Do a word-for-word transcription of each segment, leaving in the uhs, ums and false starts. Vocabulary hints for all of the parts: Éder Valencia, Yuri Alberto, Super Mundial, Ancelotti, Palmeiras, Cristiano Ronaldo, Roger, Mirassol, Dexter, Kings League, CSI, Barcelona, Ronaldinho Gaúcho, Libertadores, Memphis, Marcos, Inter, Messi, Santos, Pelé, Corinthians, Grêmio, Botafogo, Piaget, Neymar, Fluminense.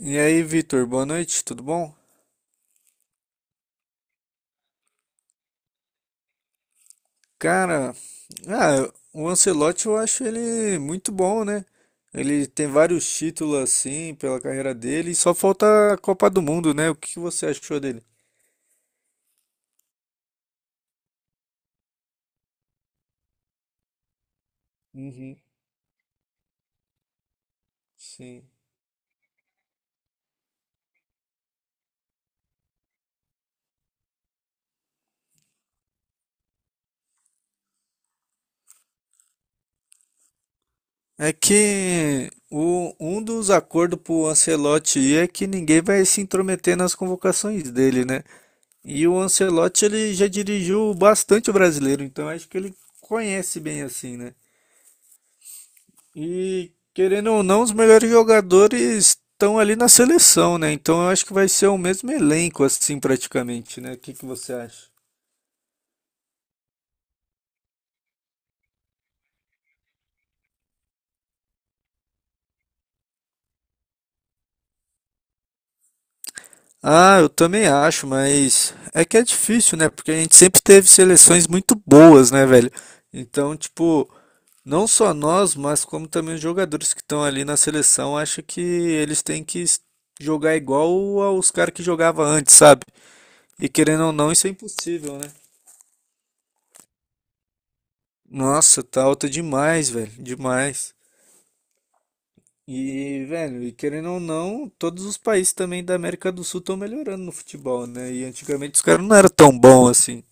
E aí, Vitor, boa noite, tudo bom? Cara, ah, o Ancelotti eu acho ele muito bom, né? Ele tem vários títulos assim pela carreira dele e só falta a Copa do Mundo, né? O que que você achou dele? Uhum, sim. É que o, um dos acordos pro Ancelotti ir é que ninguém vai se intrometer nas convocações dele, né? E o Ancelotti ele já dirigiu bastante o brasileiro, então acho que ele conhece bem assim, né? E querendo ou não, os melhores jogadores estão ali na seleção, né? Então eu acho que vai ser o mesmo elenco, assim, praticamente, né? O que que você acha? Ah, eu também acho, mas é que é difícil, né? Porque a gente sempre teve seleções muito boas, né, velho? Então, tipo, não só nós, mas como também os jogadores que estão ali na seleção, acho que eles têm que s- jogar igual aos caras que jogavam antes, sabe? E querendo ou não, isso é impossível, né? Nossa, tá alta demais, velho, demais. E, velho, e querendo ou não, todos os países também da América do Sul estão melhorando no futebol, né? E antigamente os caras não eram tão bons assim.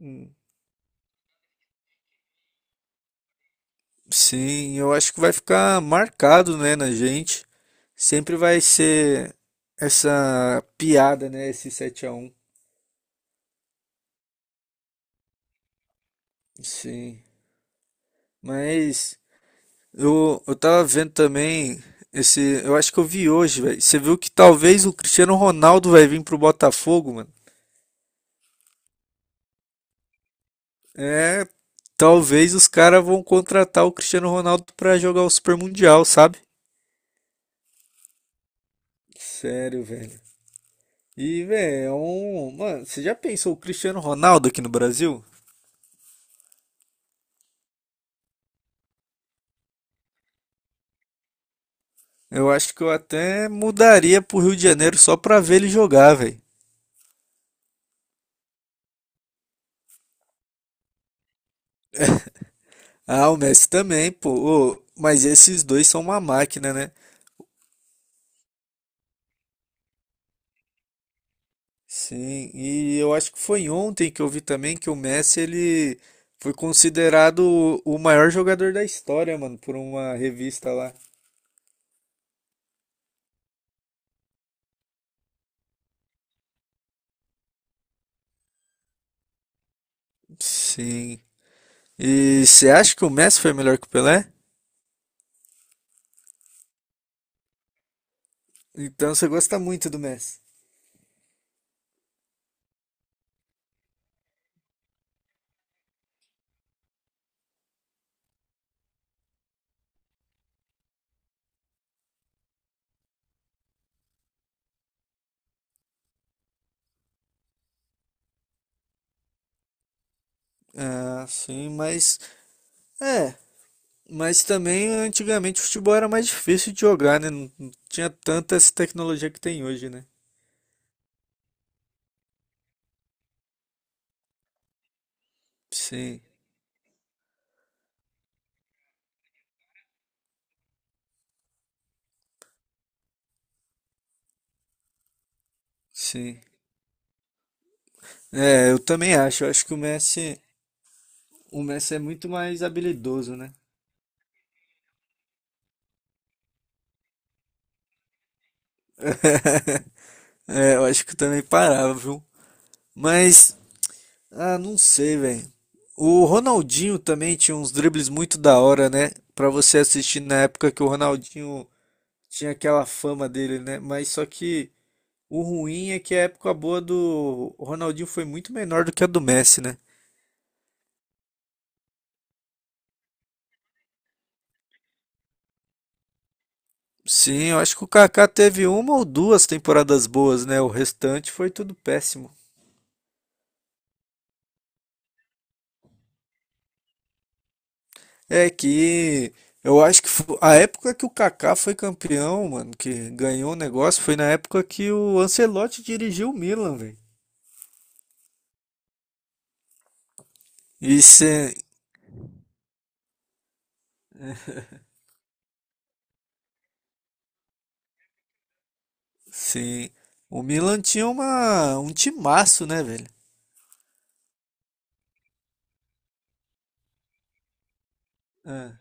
Hum, Sim, eu acho que vai ficar marcado, né, na gente. Sempre vai ser essa piada, né, esse sete a um. Sim, mas eu, eu tava vendo também esse, eu acho que eu vi hoje, velho. Você viu que talvez o Cristiano Ronaldo vai vir pro Botafogo, mano? É, talvez os caras vão contratar o Cristiano Ronaldo pra jogar o Super Mundial, sabe? Sério, velho. E, velho, é um. Mano, você já pensou o Cristiano Ronaldo aqui no Brasil? Eu acho que eu até mudaria pro Rio de Janeiro só pra ver ele jogar, velho. Ah, o Messi também, pô. Ô, mas esses dois são uma máquina, né? Sim, e eu acho que foi ontem que eu vi também que o Messi, ele foi considerado o o maior jogador da história, mano, por uma revista lá. Sim. E você acha que o Messi foi melhor que o Pelé? Então você gosta muito do Messi. Ah, sim, mas é, mas também antigamente o futebol era mais difícil de jogar, né? Não, não tinha tanta essa tecnologia que tem hoje, né? Sim, sim. É, eu também acho. Eu acho que o Messi, o Messi é muito mais habilidoso, né? É, eu acho que eu também parava, viu? Mas ah, não sei, velho. O Ronaldinho também tinha uns dribles muito da hora, né? Pra você assistir na época que o Ronaldinho tinha aquela fama dele, né? Mas só que o ruim é que a época boa do Ronaldinho foi muito menor do que a do Messi, né? Sim, eu acho que o Kaká teve uma ou duas temporadas boas, né? O restante foi tudo péssimo. É que eu acho que fo- a época que o Kaká foi campeão, mano, que ganhou o negócio, foi na época que o Ancelotti dirigiu o Milan, velho. E se, se o Milan tinha uma um timaço, né, velho? É.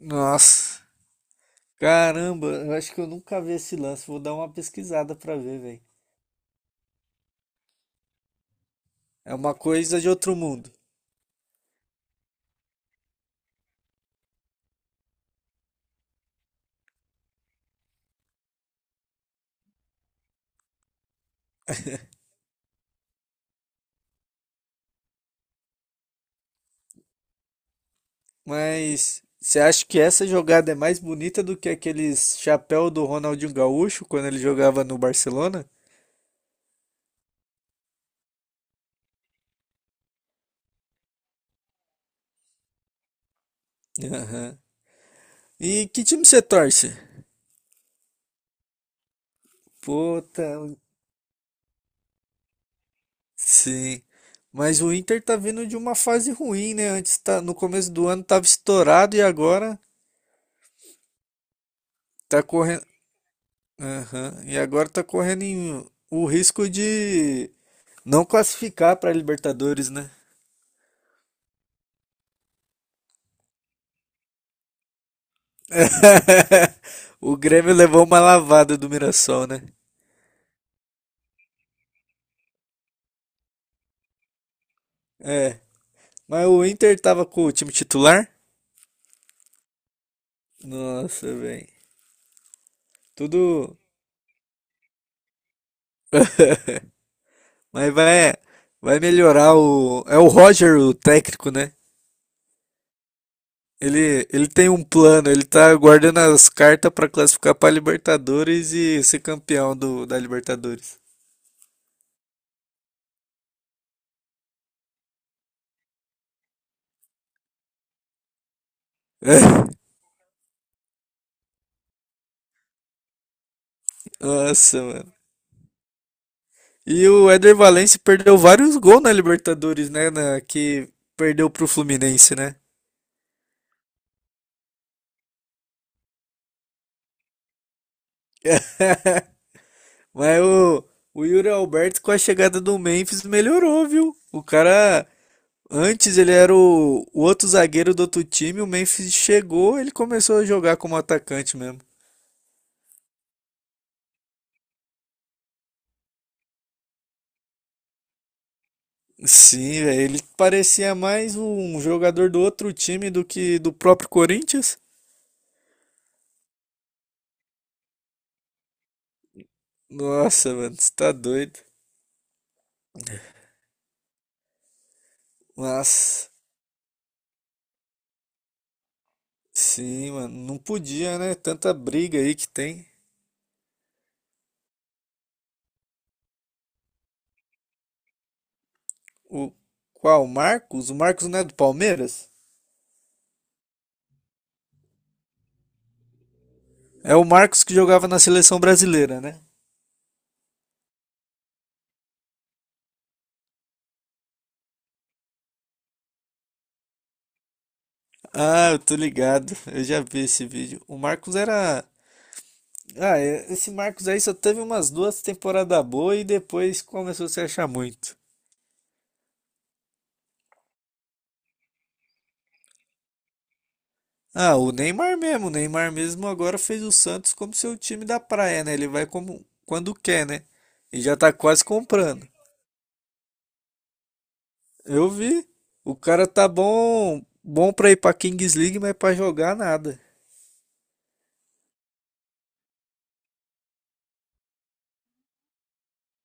Nossa, caramba, eu acho que eu nunca vi esse lance. Vou dar uma pesquisada pra ver, velho. É uma coisa de outro mundo. Mas você acha que essa jogada é mais bonita do que aqueles chapéu do Ronaldinho Gaúcho quando ele jogava no Barcelona? Aham. E que time você torce? Puta, sim, mas o Inter tá vindo de uma fase ruim, né? Antes tá, no começo do ano tava estourado e agora tá correndo, aham, e agora tá correndo em- o risco de não classificar pra Libertadores, né? O Grêmio levou uma lavada do Mirassol, né? É, mas o Inter tava com o time titular? Nossa, velho. Tudo. Mas vai, vai melhorar o. É o Roger, o técnico, né? Ele, ele tem um plano, ele tá guardando as cartas pra classificar pra Libertadores e ser campeão do, da Libertadores. Nossa, mano. E o Éder Valencia perdeu vários gols na Libertadores, né? Na- que perdeu pro Fluminense, né? Mas o, o Yuri Alberto, com a chegada do Memphis, melhorou, viu? O cara, antes ele era o, o outro zagueiro do outro time, o Memphis chegou, ele começou a jogar como atacante mesmo. Sim, velho, ele parecia mais um jogador do outro time do que do próprio Corinthians. Nossa, mano, você tá doido. Mas, sim, mano, não podia, né? Tanta briga aí que tem. O qual? O Marcos? O Marcos não é do Palmeiras? É o Marcos que jogava na seleção brasileira, né? Ah, eu tô ligado. Eu já vi esse vídeo. O Marcos era. Ah, é- esse Marcos aí só teve umas duas temporadas boas e depois começou a se achar muito. Ah, o Neymar mesmo. O Neymar mesmo agora fez o Santos como seu time da praia, né? Ele vai como quando quer, né? E já tá quase comprando. Eu vi. O cara tá bom, bom pra ir pra Kings League, mas pra jogar nada.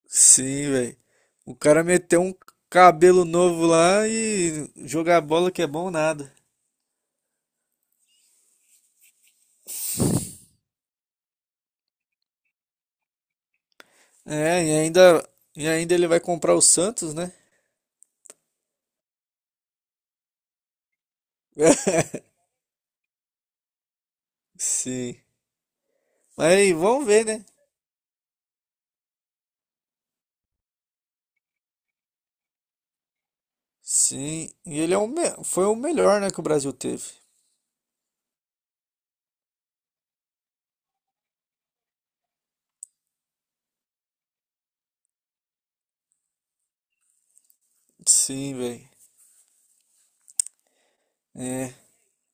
Sim, velho. O cara meteu um cabelo novo lá e jogar bola que é bom nada. É, e ainda, e ainda ele vai comprar o Santos, né? Sim. Mas aí vamos ver, né? Sim, e ele é o me- foi o melhor, né, que o Brasil teve. Sim, velho. É.